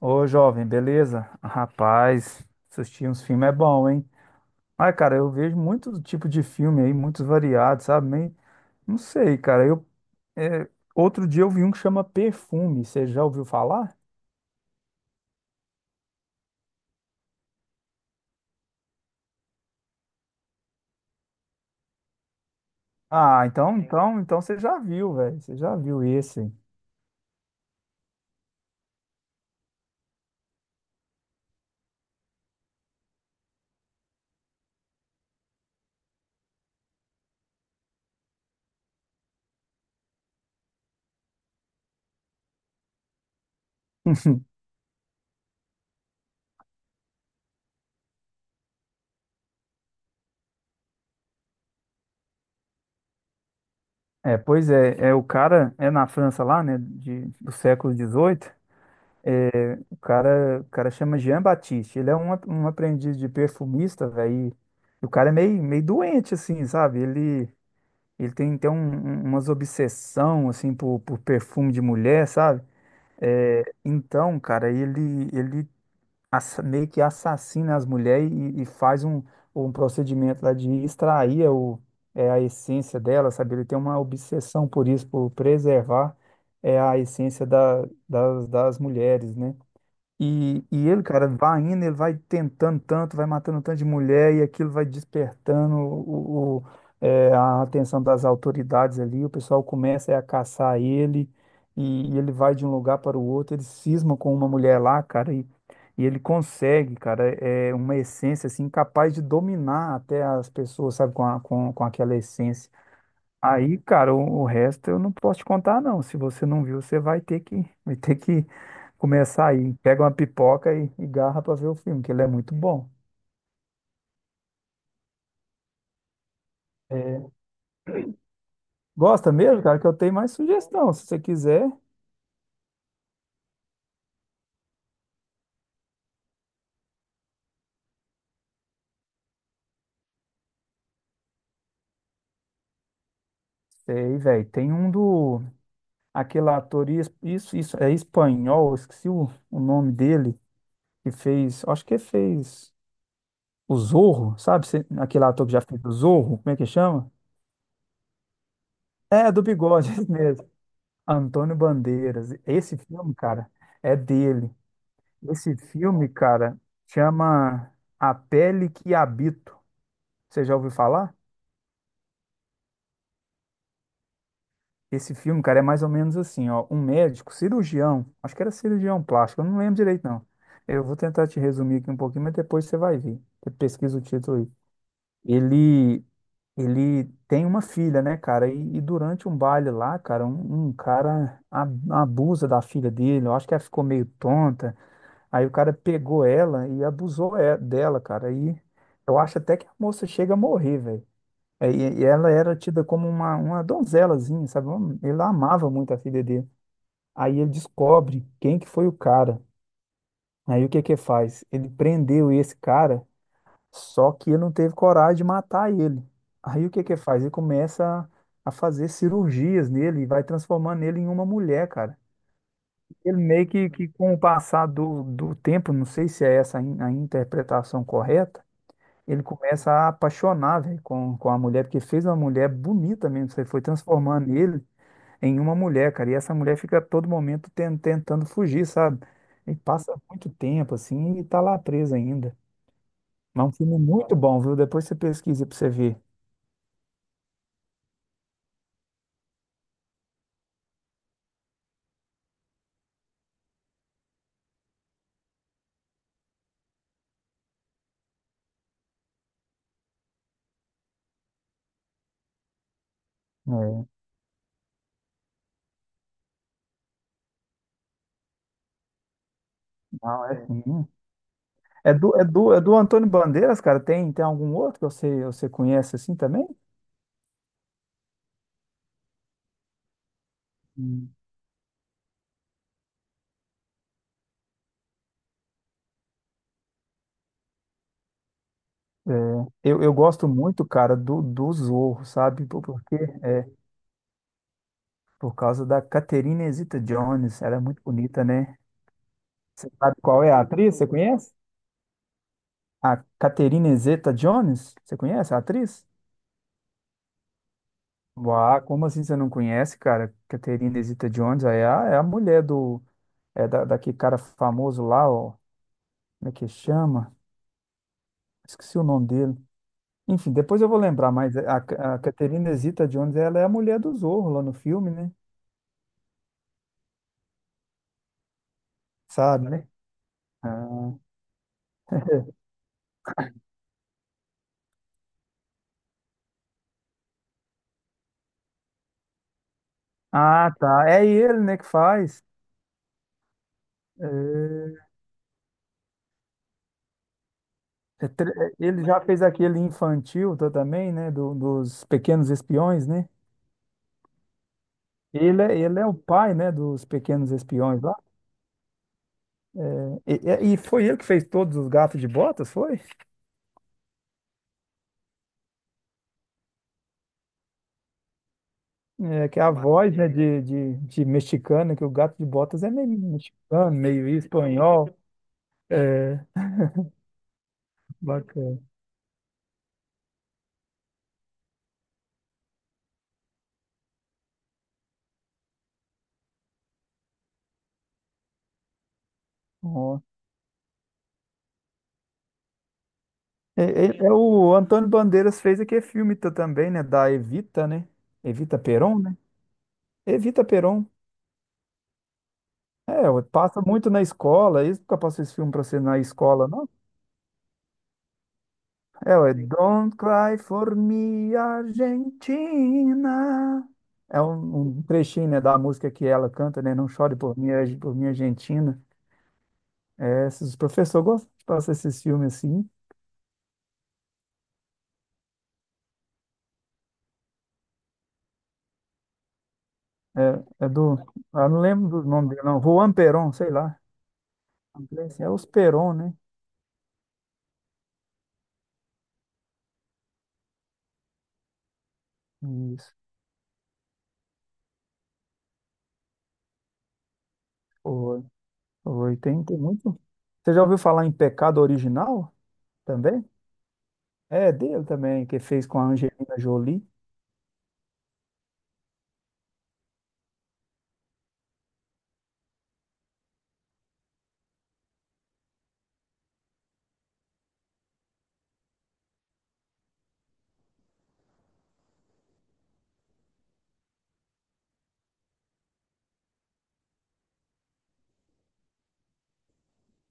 Ô, jovem, beleza? Rapaz, assistir uns filmes é bom, hein? Ai, cara, eu vejo muitos tipo de filme aí, muitos variados, sabe? Não sei, cara. É, outro dia eu vi um que chama Perfume. Você já ouviu falar? Ah, então você já viu, velho. Você já viu esse. É, pois é, o cara é na França lá, né, do século XVIII. É, o cara chama Jean Baptiste. Ele é um aprendiz de perfumista, velho. E o cara é meio, meio doente, assim, sabe? Ele tem então umas obsessão assim por perfume de mulher, sabe? É, então, cara, ele meio que assassina as mulheres e faz um procedimento lá de extrair a essência dela, sabe? Ele tem uma obsessão por isso, por preservar a essência das mulheres, né? E ele, cara, vai indo, ele vai tentando tanto, vai matando um tanto de mulher, e aquilo vai despertando a atenção das autoridades ali. O pessoal começa a caçar ele, e ele vai de um lugar para o outro. Ele cisma com uma mulher lá, cara, e ele consegue, cara, é uma essência assim, capaz de dominar até as pessoas, sabe, com aquela essência. Aí, cara, o resto eu não posso te contar, não. Se você não viu, você vai ter que, vai ter que começar aí. Pega uma pipoca e garra pra ver o filme, que ele é muito bom. É, gosta mesmo, cara, que eu tenho mais sugestão. Se você quiser, sei, velho. Tem um do, aquele ator, isso, é espanhol, esqueci o nome dele, acho que fez o Zorro, sabe? Aquele ator que já fez o Zorro, como é que chama? É, do bigode, esse mesmo. Antônio Bandeiras. Esse filme, cara, é dele. Esse filme, cara, chama A Pele que Habito. Você já ouviu falar? Esse filme, cara, é mais ou menos assim, ó, um médico, cirurgião, acho que era cirurgião plástico, eu não lembro direito, não. Eu vou tentar te resumir aqui um pouquinho, mas depois você vai ver. Você pesquisa o título aí. Ele, ele tem uma filha, né, cara? E durante um baile lá, cara, um cara abusa da filha dele. Eu acho que ela ficou meio tonta. Aí o cara pegou ela e abusou dela, cara. Aí eu acho até que a moça chega a morrer, velho. É, e ela era tida como uma donzelazinha, sabe? Ele amava muito a filha dele. Aí ele descobre quem que foi o cara. Aí o que que faz? Ele prendeu esse cara, só que ele não teve coragem de matar ele. Aí o que que faz? Ele começa a fazer cirurgias nele e vai transformando ele em uma mulher, cara. Ele meio que com o passar do tempo, não sei se é essa a interpretação correta, ele começa a apaixonar, velho, com a mulher, porque fez uma mulher bonita mesmo, você foi transformando ele em uma mulher, cara, e essa mulher fica a todo momento tentando fugir, sabe? E passa muito tempo, assim, e tá lá presa ainda. Mas é um filme muito bom, viu? Depois você pesquisa pra você ver. É, não, é sim. É do Antônio Bandeiras, cara? Tem algum outro que você conhece assim também? É, eu gosto muito, cara, do Zorro, sabe? Por quê? É, por causa da Catherine Zeta-Jones. Ela é muito bonita, né? Você sabe qual é a atriz? Você conhece? A Catherine Zeta-Jones? Você conhece a atriz? Uau, como assim você não conhece, cara? Catherine Zeta-Jones é a mulher do... É daquele cara famoso lá, ó. Como é que chama? Esqueci o nome dele. Enfim, depois eu vou lembrar, mas a Catherine Zeta-Jones, ela é a mulher do Zorro lá no filme, né? Sabe, né? Ah, Ah, tá. É ele, né, que faz. É, é tre- ele já fez aquele infantil tá, também, né, dos Pequenos Espiões, né? Ele é o pai, né, dos Pequenos Espiões lá. É, e foi ele que fez todos os Gatos de Botas, foi? É, que é a voz, né, de mexicano, que o Gato de Botas é meio mexicano, meio espanhol. É, bacana. Ó. É, é o Antônio Bandeiras fez aquele filme tá, também, né, da Evita, né? Evita Peron, né? Evita Peron. É, ué, passa muito na escola. Isso nunca passou esse filme pra você na escola, não? É, ué, Don't Cry for Me, Argentina. É um trechinho, né, da música que ela canta, né? Não chore por mim, por mim, Argentina. É, esses professores gostam de passar esses filmes assim. É do. Eu não lembro do nome dele, não. Juan Perón, sei lá. É os Perón, né? Isso. Foi. Foi. Tem muito. Você já ouviu falar em Pecado Original também? É dele também, que fez com a Angelina Jolie.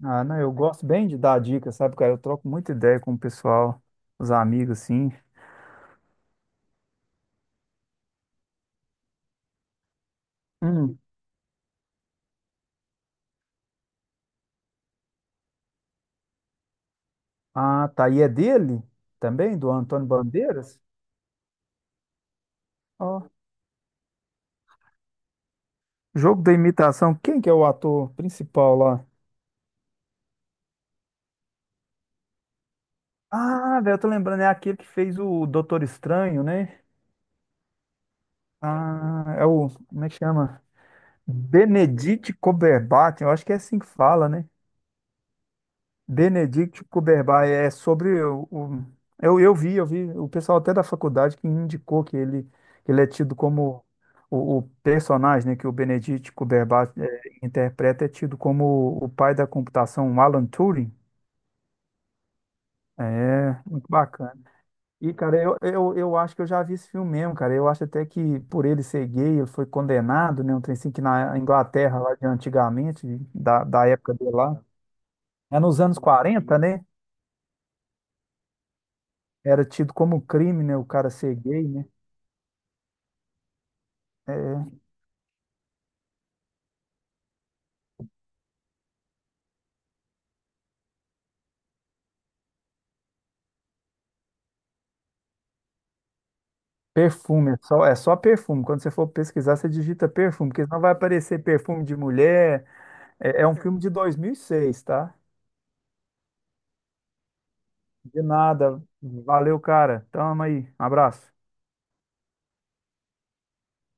Ah, não, eu gosto bem de dar dicas, sabe, cara? Eu troco muita ideia com o pessoal, os amigos, assim. Hum. Ah, tá. E é dele também, do Antônio Bandeiras? Ó. Jogo da Imitação. Quem que é o ator principal lá? Ah, velho, eu tô lembrando, é aquele que fez o Doutor Estranho, né? Ah, é o. Como é que chama? Benedict Cumberbatch, eu acho que é assim que fala, né? Benedict Cumberbatch é sobre eu vi o pessoal até da faculdade que indicou que ele, é tido como o personagem, né, que o Benedict Cumberbatch interpreta é tido como o pai da computação, um Alan Turing. É, muito bacana. E, cara, eu acho que eu já vi esse filme mesmo, cara. Eu acho até que por ele ser gay, ele foi condenado, né? Um trem assim que na Inglaterra, lá de antigamente, da época dele lá. É nos anos 40, né? Era tido como crime, né? O cara ser gay, né? É, Perfume, é só perfume. Quando você for pesquisar, você digita perfume, porque senão vai aparecer perfume de mulher. É um filme de 2006, tá? De nada. Valeu, cara. Tamo aí. Um abraço.